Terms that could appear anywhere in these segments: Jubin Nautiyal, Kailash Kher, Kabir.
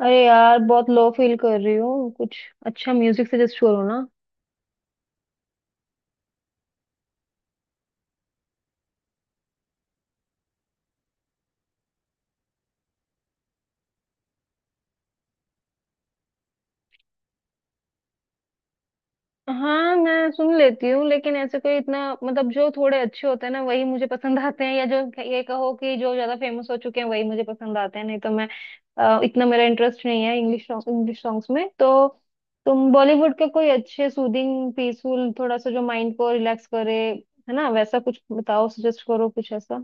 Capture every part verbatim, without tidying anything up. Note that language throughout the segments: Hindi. अरे यार, बहुत लो फील कर रही हूँ। कुछ अच्छा म्यूजिक सजेस्ट करो ना। हाँ, मैं सुन लेती हूँ, लेकिन ऐसे कोई इतना मतलब जो थोड़े अच्छे होते हैं ना, वही मुझे पसंद आते हैं, या जो ये कहो कि जो ज्यादा फेमस हो चुके हैं वही मुझे पसंद आते हैं। नहीं तो मैं अ, इतना मेरा इंटरेस्ट नहीं है इंग्लिश इंग्लिश सॉन्ग्स में। तो तुम बॉलीवुड के कोई अच्छे सूदिंग पीसफुल थोड़ा सा जो माइंड को रिलैक्स करे, है ना, वैसा कुछ बताओ, सजेस्ट करो कुछ ऐसा।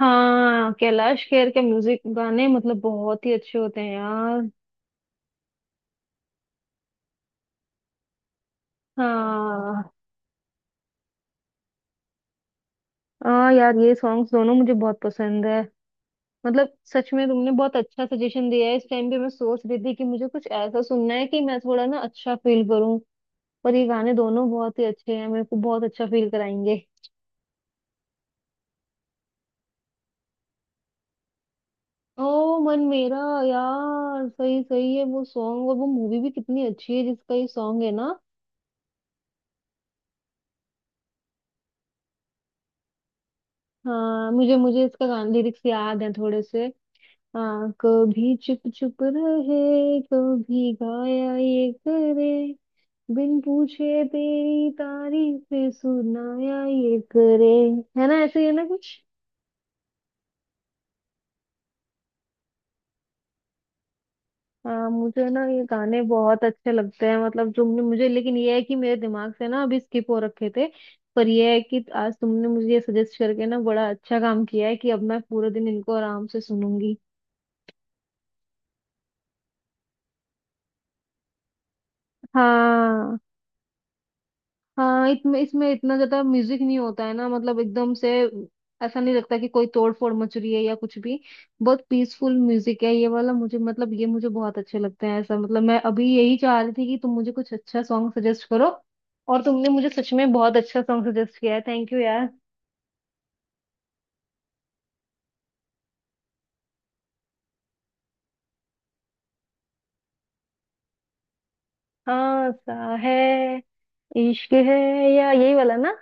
हाँ, कैलाश खेर के म्यूजिक गाने मतलब बहुत ही अच्छे होते हैं यार। हाँ। हाँ यार, ये सॉन्ग्स दोनों मुझे बहुत पसंद है। मतलब सच में तुमने बहुत अच्छा सजेशन दिया है। इस टाइम पे मैं सोच रही थी कि मुझे कुछ ऐसा सुनना है कि मैं थोड़ा ना अच्छा फील करूं। पर ये गाने दोनों बहुत ही अच्छे हैं, मेरे को बहुत अच्छा फील कराएंगे। ओ, मन मेरा। यार, सही सही है वो सॉन्ग, और वो मूवी भी कितनी अच्छी है जिसका ये सॉन्ग है ना। हाँ, मुझे मुझे इसका गान लिरिक्स याद है थोड़े से। हाँ, कभी चुप चुप रहे कभी गाया ये करे, बिन पूछे तेरी तारीफें सुनाया ये करे। है ना, ऐसे ही है ना कुछ। हाँ, मुझे ना ये गाने बहुत अच्छे लगते हैं, मतलब तुमने मुझे, लेकिन ये है कि मेरे दिमाग से ना अभी स्किप हो रखे थे। पर ये है कि आज तुमने मुझे ये सजेस्ट करके ना बड़ा अच्छा काम किया है कि अब मैं पूरे दिन इनको आराम से सुनूंगी। हाँ। हाँ, इसमें इसमें इतना ज्यादा म्यूजिक नहीं होता है ना, मतलब एकदम से ऐसा नहीं लगता कि कोई तोड़ फोड़ मच रही है या कुछ भी। बहुत पीसफुल म्यूजिक है ये वाला मुझे, मतलब ये मुझे बहुत अच्छे लगते हैं ऐसा। मतलब मैं अभी यही चाह रही थी कि तुम मुझे कुछ अच्छा सॉन्ग सजेस्ट करो, और तुमने मुझे सच में बहुत अच्छा सॉन्ग सजेस्ट किया है। थैंक यू यार। हाँ सा है। इश्क है। या यही वाला ना।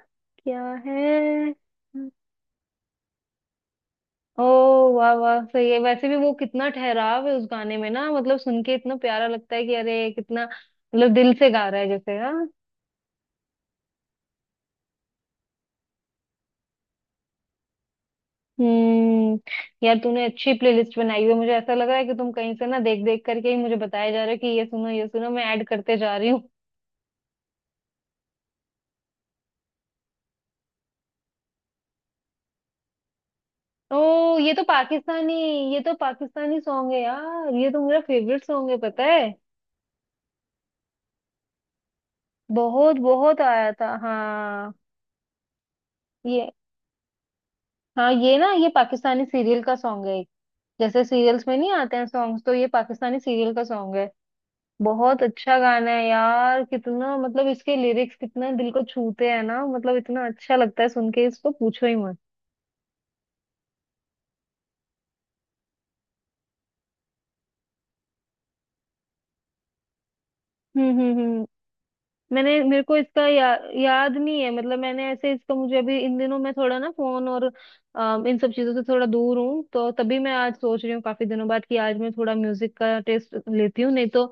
क्या है। ओ, वाह वाह, सही है। वैसे भी वो कितना ठहराव है उस गाने में ना, मतलब सुन के इतना प्यारा लगता है कि अरे कितना मतलब दिल से गा रहा है जैसे। हाँ। हम्म, यार तूने अच्छी प्लेलिस्ट बनाई हुई है। मुझे ऐसा लग रहा है कि तुम कहीं से ना देख देख करके ही मुझे बताया जा रहा है कि ये सुनो ये सुनो, मैं ऐड करते जा रही हूँ। ओ, ये तो पाकिस्तानी, ये तो पाकिस्तानी सॉन्ग है यार, ये तो मेरा फेवरेट सॉन्ग है पता है। बहुत बहुत आया था, हाँ, ये। हाँ, ये ना, ये पाकिस्तानी सीरियल का सॉन्ग है। जैसे सीरियल्स में नहीं आते हैं सॉन्ग्स, तो ये पाकिस्तानी सीरियल का सॉन्ग है। बहुत अच्छा गाना है यार, कितना मतलब इसके लिरिक्स कितना दिल को छूते हैं ना, मतलब इतना अच्छा लगता है सुन के इसको, पूछो ही मत। हम्म हम्म हम्म, मैंने मेरे को इसका या, याद नहीं है। मतलब मैंने ऐसे इसका, मुझे अभी इन दिनों मैं थोड़ा ना फोन और अम, इन सब चीजों से थोड़ा दूर हूँ, तो तभी मैं आज सोच रही हूँ काफी दिनों बाद कि आज मैं थोड़ा म्यूजिक का टेस्ट लेती हूँ। नहीं तो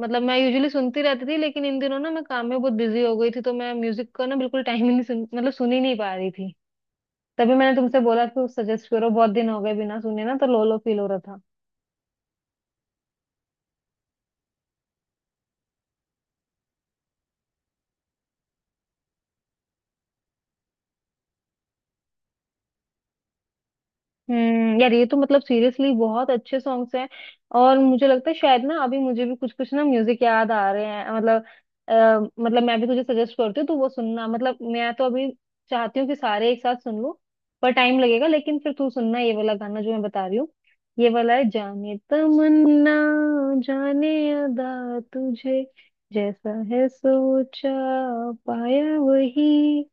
मतलब मैं यूजुअली सुनती रहती थी, लेकिन इन दिनों ना मैं काम में बहुत बिजी हो गई थी, तो मैं म्यूजिक का ना बिल्कुल टाइम ही नहीं, सुन मतलब सुन ही नहीं पा रही थी। तभी मैंने तुमसे बोला कि सजेस्ट करो, बहुत दिन हो गए बिना सुने ना, तो लो लो फील हो रहा था। हम्म, यार ये तो मतलब सीरियसली बहुत अच्छे सॉन्ग्स हैं, और मुझे लगता है शायद ना अभी मुझे भी कुछ कुछ ना म्यूजिक याद आ रहे हैं। मतलब अ, मतलब मैं भी तुझे सजेस्ट करती हूँ, तो वो सुनना। मतलब मैं तो अभी चाहती हूँ कि सारे एक साथ सुन लूँ, पर टाइम लगेगा। लेकिन फिर तू सुनना ये वाला गाना जो मैं बता रही हूँ। ये वाला है, जाने तमन्ना जाने अदा, तुझे जैसा है सोचा पाया वही।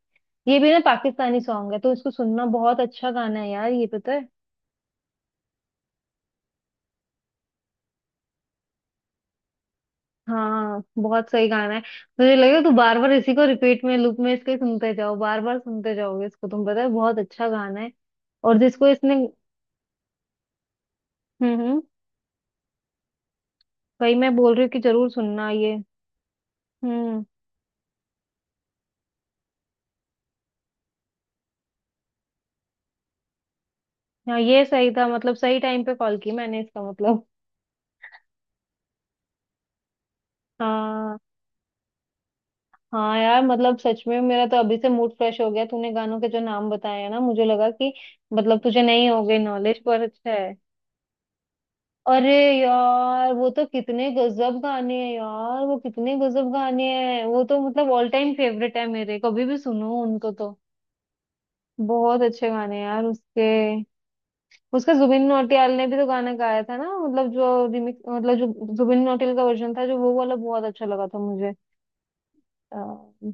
ये भी ना पाकिस्तानी सॉन्ग है, तो इसको सुनना, बहुत अच्छा गाना है यार ये, पता है। हाँ, बहुत सही गाना है। मुझे लगे तू बार बार इसी को रिपीट में, लूप में इसके सुनते जाओ, बार बार सुनते जाओगे इसको तुम, पता है, बहुत अच्छा गाना है। और जिसको इसने, हम्म हम्म, वही मैं बोल रही हूँ कि जरूर सुनना ये। हम्म। हाँ, ये सही था, मतलब सही टाइम पे कॉल की मैंने इसका मतलब। हाँ, हाँ यार, मतलब सच में मेरा तो अभी से मूड फ्रेश हो गया तूने गानों के जो नाम बताए हैं ना, मुझे लगा कि मतलब तुझे नहीं हो गई नॉलेज, पर अच्छा है। अरे यार, वो तो कितने गजब गाने हैं यार, वो कितने गजब गाने हैं। वो तो मतलब ऑल टाइम फेवरेट है मेरे, कभी भी सुनो उनको तो। बहुत अच्छे गाने हैं यार उसके। उसका जुबिन नौटियाल ने भी तो गाना गाया था ना, मतलब जो रिमिक, मतलब जो जुबिन नौटियाल का वर्जन था जो, वो वाला बहुत अच्छा लगा था मुझे।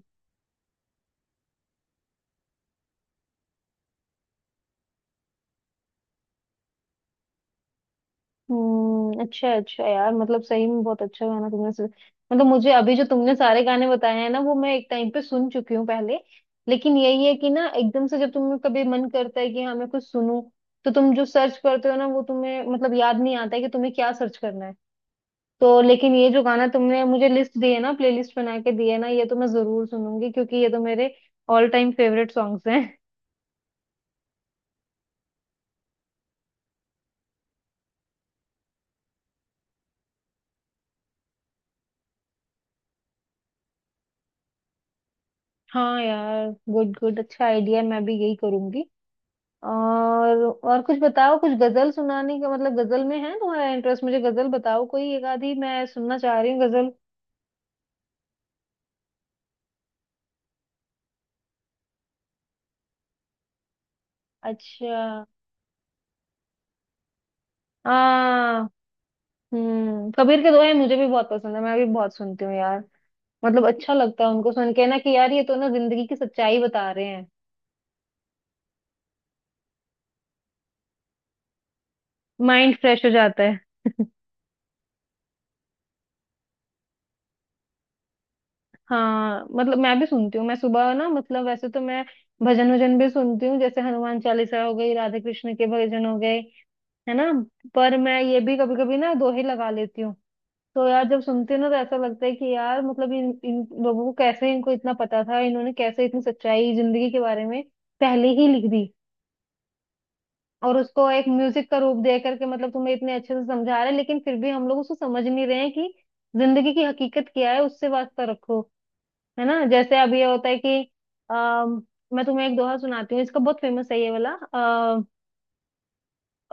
हम्म, अच्छा अच्छा यार, मतलब सही में बहुत अच्छा गाना तुमने सुन, मतलब मुझे अभी जो तुमने सारे गाने बताए हैं ना, वो मैं एक टाइम पे सुन चुकी हूँ पहले। लेकिन यही है कि ना एकदम से जब तुम्हें कभी मन करता है कि हाँ मैं कुछ सुनूं, तो तुम जो सर्च करते हो ना, वो तुम्हें मतलब याद नहीं आता है कि तुम्हें क्या सर्च करना है। तो लेकिन ये जो गाना तुमने मुझे लिस्ट दी है ना, प्लेलिस्ट बना के दी है ना, ये तो मैं जरूर सुनूंगी, क्योंकि ये तो मेरे ऑल टाइम फेवरेट सॉन्ग्स हैं। हाँ यार, गुड गुड, अच्छा आइडिया, मैं भी यही करूंगी। और और कुछ बताओ, कुछ गजल सुनाने का, मतलब गजल में है तुम्हारा इंटरेस्ट, मुझे गजल बताओ कोई एक आधी, मैं सुनना चाह रही हूँ गजल। अच्छा। हाँ। हम्म, कबीर के दोहे मुझे भी बहुत पसंद है, मैं भी बहुत सुनती हूँ यार। मतलब अच्छा लगता है उनको सुन के ना कि यार ये तो ना जिंदगी की सच्चाई बता रहे हैं। माइंड फ्रेश हो जाता है। हाँ, मतलब मैं भी सुनती हूँ, मैं सुबह ना मतलब वैसे तो मैं भजन वजन भी सुनती हूँ। जैसे हनुमान चालीसा हो गई, राधे कृष्ण के भजन हो गए, है ना। पर मैं ये भी कभी कभी ना दोहे लगा लेती हूँ। तो यार जब सुनती हूँ ना, तो ऐसा लगता है कि यार मतलब इन इन लोगों को कैसे इनको इतना पता था, इन्होंने कैसे इतनी सच्चाई जिंदगी के बारे में पहले ही लिख दी। और उसको एक म्यूजिक का रूप दे करके मतलब तुम्हें इतने अच्छे से समझा रहे हैं, लेकिन फिर भी हम लोग उसको समझ नहीं रहे हैं कि जिंदगी की हकीकत क्या है, उससे वास्ता रखो। है ना, जैसे अब ये होता है कि अम, मैं तुम्हें एक दोहा सुनाती हूँ, इसका बहुत फेमस है ये वाला।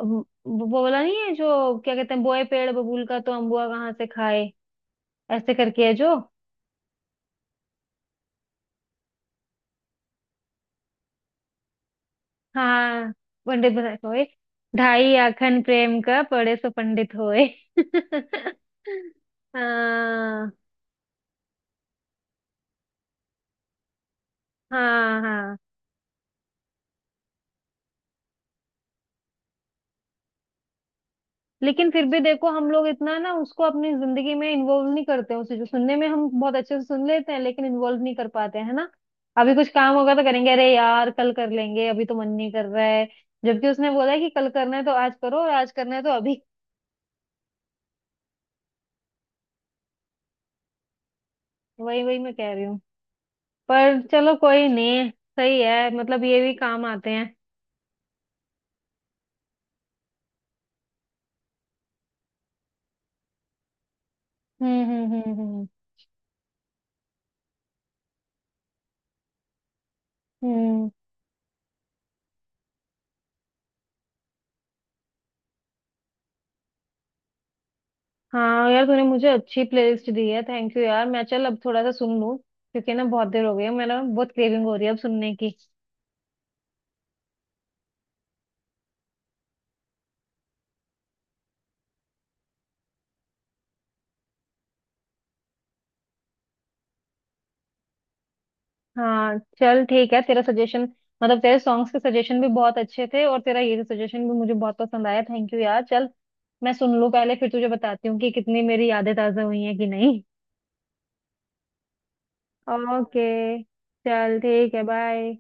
वो वो बोला नहीं है जो क्या कहते हैं, बोए पेड़ बबूल का तो अम्बुआ कहाँ से खाए। ऐसे करके है जो। हाँ, पंडित बनाए होए, ढाई आखन प्रेम का पढ़े सो पंडित होए। हाँ हाँ हाँ, लेकिन फिर भी देखो हम लोग इतना ना उसको अपनी जिंदगी में इन्वॉल्व नहीं करते हैं उसे। जो सुनने में हम बहुत अच्छे से सुन लेते हैं, लेकिन इन्वॉल्व नहीं कर पाते हैं, है ना। अभी कुछ काम होगा तो करेंगे, अरे यार कल कर लेंगे, अभी तो मन नहीं कर रहा है। जबकि उसने बोला है कि कल करना है तो आज करो, और आज करना है तो अभी। वही वही मैं कह रही हूँ। पर चलो, कोई नहीं। सही है, मतलब ये भी काम आते हैं। हम्म हम्म हम्म हम्म हम्म। हाँ यार, तूने मुझे अच्छी प्लेलिस्ट दी है, थैंक यू यार। मैं चल अब थोड़ा सा सुन लूँ, क्योंकि ना बहुत देर हो गई है, मेरा बहुत क्रेविंग हो रही है अब सुनने की। हाँ चल, ठीक है, तेरा सजेशन मतलब तेरे सॉन्ग्स के सजेशन भी बहुत अच्छे थे, और तेरा ये सजेशन भी मुझे बहुत पसंद आया। थैंक यू यार। चल मैं सुन लूँ पहले, फिर तुझे बताती हूँ कि कितनी मेरी यादें ताज़ा हुई हैं कि नहीं। ओके, चल ठीक है, बाय।